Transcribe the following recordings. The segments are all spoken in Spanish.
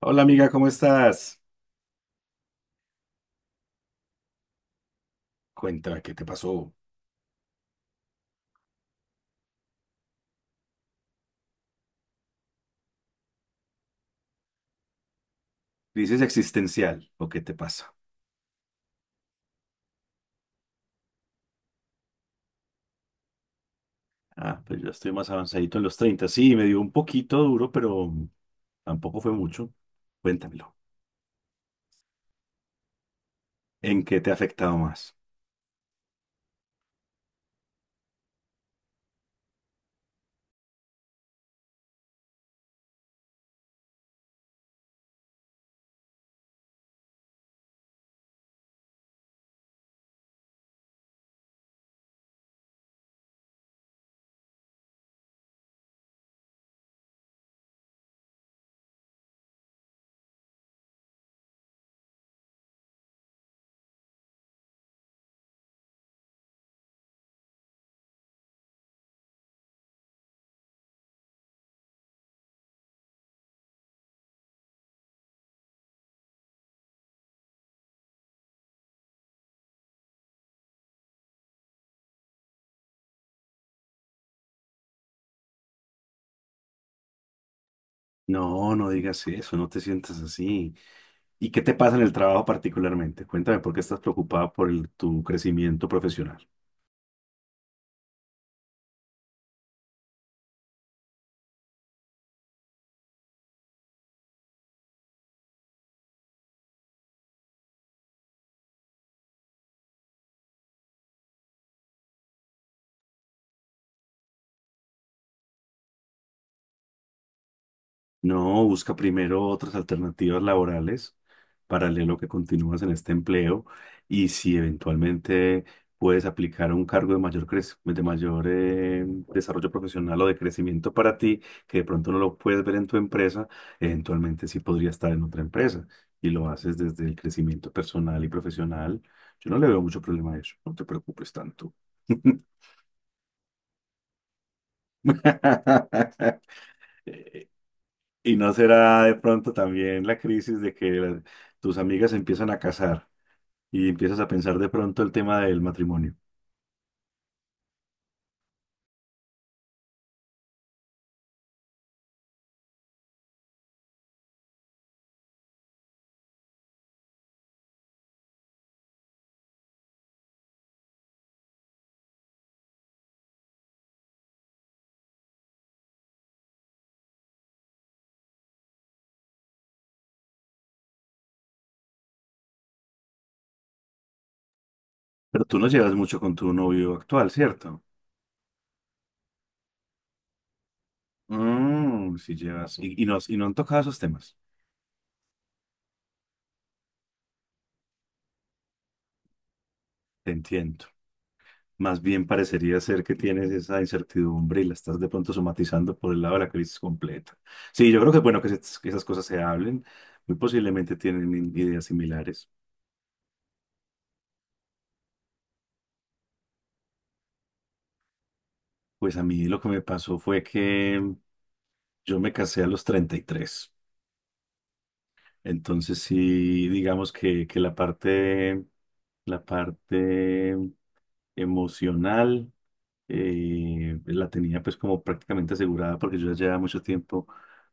Hola amiga, ¿cómo estás? Cuéntame, ¿qué te pasó? Crisis existencial, ¿o qué te pasa? Ah, pues yo estoy más avanzadito en los 30. Sí, me dio un poquito duro, pero tampoco fue mucho. Cuéntamelo. ¿En qué te ha afectado más? No, no digas eso, no te sientas así. ¿Y qué te pasa en el trabajo particularmente? Cuéntame por qué estás preocupada por tu crecimiento profesional. No, busca primero otras alternativas laborales paralelo que continúas en este empleo y si eventualmente puedes aplicar un cargo de mayor, de mayor desarrollo profesional o de crecimiento para ti, que de pronto no lo puedes ver en tu empresa, eventualmente sí podría estar en otra empresa y lo haces desde el crecimiento personal y profesional. Yo no le veo mucho problema a eso, no te preocupes tanto. ¿Y no será de pronto también la crisis de que tus amigas se empiezan a casar y empiezas a pensar de pronto el tema del matrimonio? Pero tú no llevas mucho con tu novio actual, ¿cierto? Mm, sí llevas. Y no han tocado esos temas. Te entiendo. Más bien parecería ser que tienes esa incertidumbre y la estás de pronto somatizando por el lado de la crisis completa. Sí, yo creo que es bueno que, que esas cosas se hablen. Muy posiblemente tienen ideas similares. Pues a mí lo que me pasó fue que... Yo me casé a los treinta y tres. Entonces sí, digamos que la parte emocional la tenía pues como prácticamente asegurada porque yo ya llevaba mucho tiempo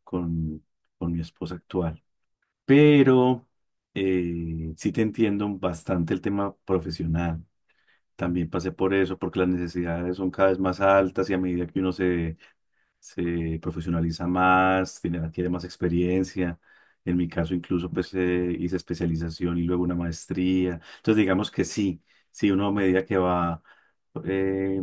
con, con mi esposa actual. Pero sí te entiendo bastante el tema profesional. También pasé por eso porque las necesidades son cada vez más altas y a medida que uno se profesionaliza más, tiene, adquiere más experiencia. En mi caso, incluso, pues hice especialización y luego una maestría. Entonces, digamos que sí, sí, uno a medida que va eh,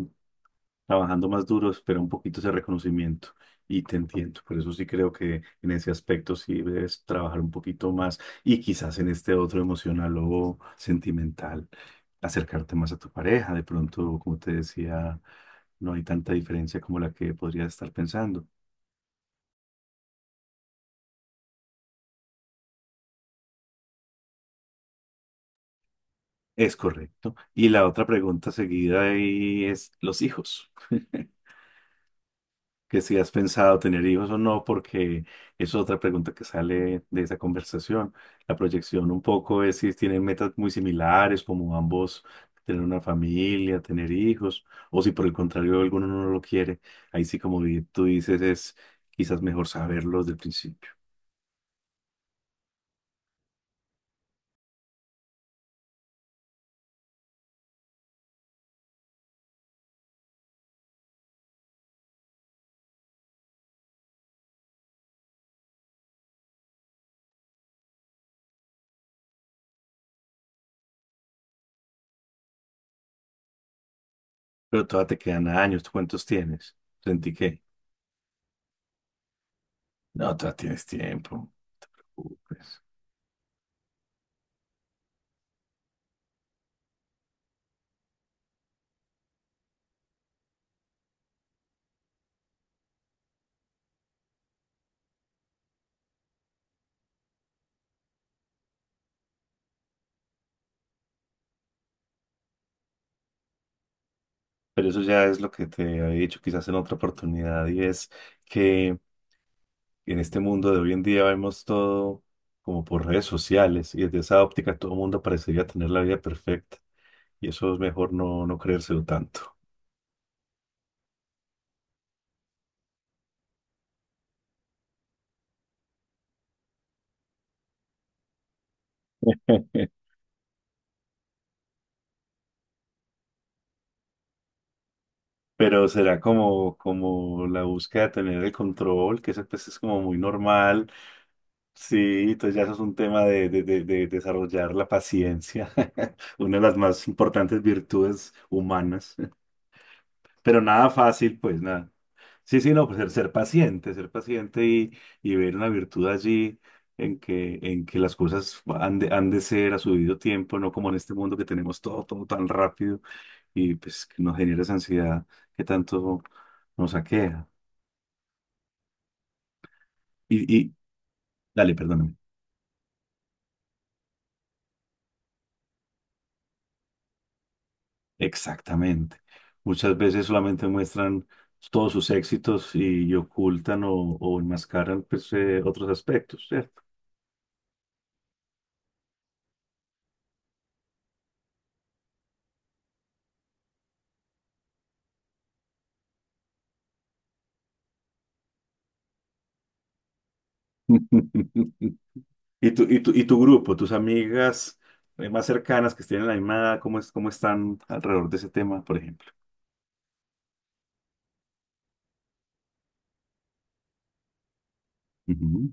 trabajando más duro, espera un poquito ese reconocimiento. Y te entiendo, por eso sí creo que en ese aspecto sí debes trabajar un poquito más y quizás en este otro emocional o sentimental, acercarte más a tu pareja. De pronto, como te decía, no hay tanta diferencia como la que podrías estar pensando. Es correcto. Y la otra pregunta seguida ahí es los hijos. Que si has pensado tener hijos o no, porque es otra pregunta que sale de esa conversación. La proyección un poco es si tienen metas muy similares, como ambos tener una familia, tener hijos, o si por el contrario alguno no lo quiere. Ahí sí, como tú dices, es quizás mejor saberlo desde el principio. Pero todavía te quedan años. ¿Tú cuántos tienes? Sentí que no, todavía tienes tiempo. Pues. Pero eso ya es lo que te había dicho quizás en otra oportunidad y es que en este mundo de hoy en día vemos todo como por redes sociales y desde esa óptica todo el mundo parecería tener la vida perfecta y eso es mejor no, no creérselo tanto. Pero será como, como la búsqueda de tener el control, que eso pues es como muy normal. Sí, entonces ya eso es un tema de, de desarrollar la paciencia, una de las más importantes virtudes humanas. Pero nada fácil, pues nada. Sí, sí, no, pues ser, ser paciente y ver una virtud allí en que las cosas han de ser a su debido tiempo, no como en este mundo que tenemos todo, todo tan rápido y pues que nos genera esa ansiedad que tanto nos aqueja. Y dale, perdóname. Exactamente. Muchas veces solamente muestran todos sus éxitos y ocultan o enmascaran pues, otros aspectos, ¿cierto? ¿Y tu, y tu, y tu grupo, tus amigas más cercanas que estén en la misma, cómo es, cómo están alrededor de ese tema, por ejemplo? Ujú.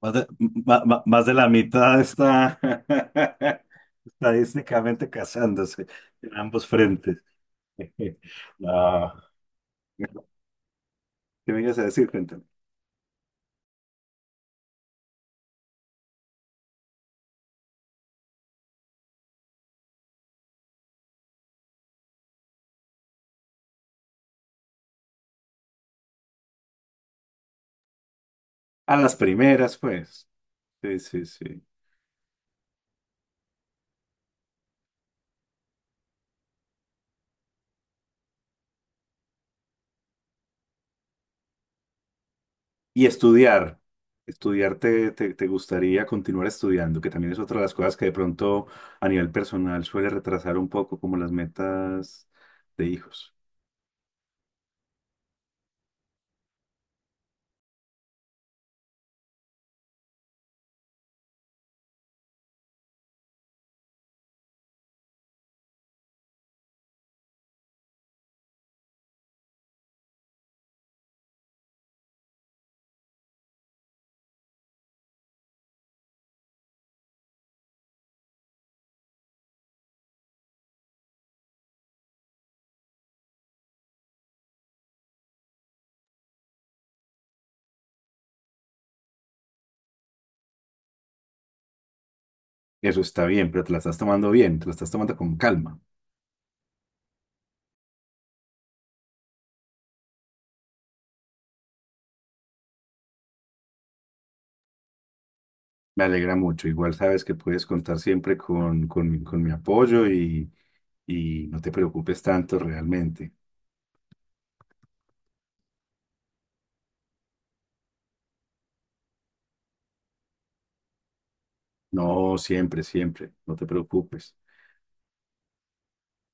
Más de, más de la mitad está estadísticamente casándose en ambos frentes. No. ¿Qué me ibas a decir? Cuéntame. A las primeras, pues. Sí, sí, sí. Y estudiar, estudiar te, te, te gustaría continuar estudiando, que también es otra de las cosas que de pronto a nivel personal suele retrasar un poco como las metas de hijos. Eso está bien, pero te la estás tomando bien, te la estás tomando con calma. Me alegra mucho. Igual sabes que puedes contar siempre con mi apoyo y no te preocupes tanto realmente. No, siempre, siempre, no te preocupes.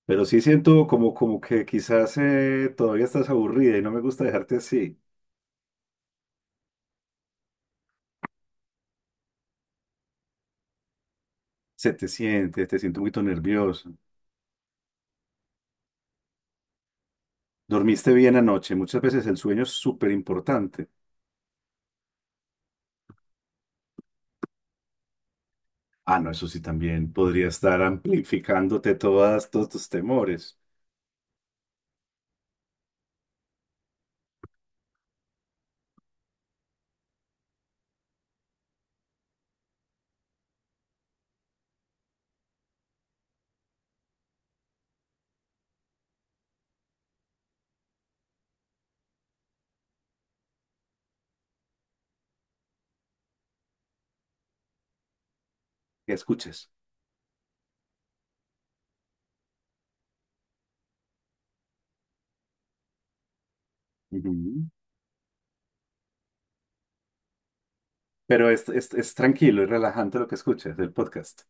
Pero sí siento como, como que quizás todavía estás aburrida y no me gusta dejarte así. Se te siente, te siento un poquito nervioso. ¿Dormiste bien anoche? Muchas veces el sueño es súper importante. Ah, no, eso sí también podría estar amplificándote todas, todos tus temores que escuches. Ujú. Pero es tranquilo, es relajante lo que escuches, el podcast.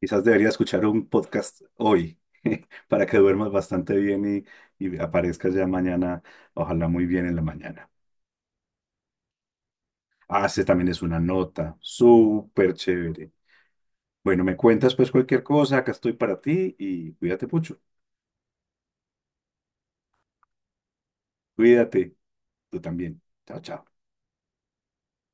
Quizás deberías escuchar un podcast hoy para que duermas bastante bien y aparezcas ya mañana, ojalá muy bien en la mañana. Ah, ese también es una nota súper chévere. Bueno, me cuentas pues cualquier cosa, acá estoy para ti y cuídate mucho. Cuídate, tú también. Chao, chao.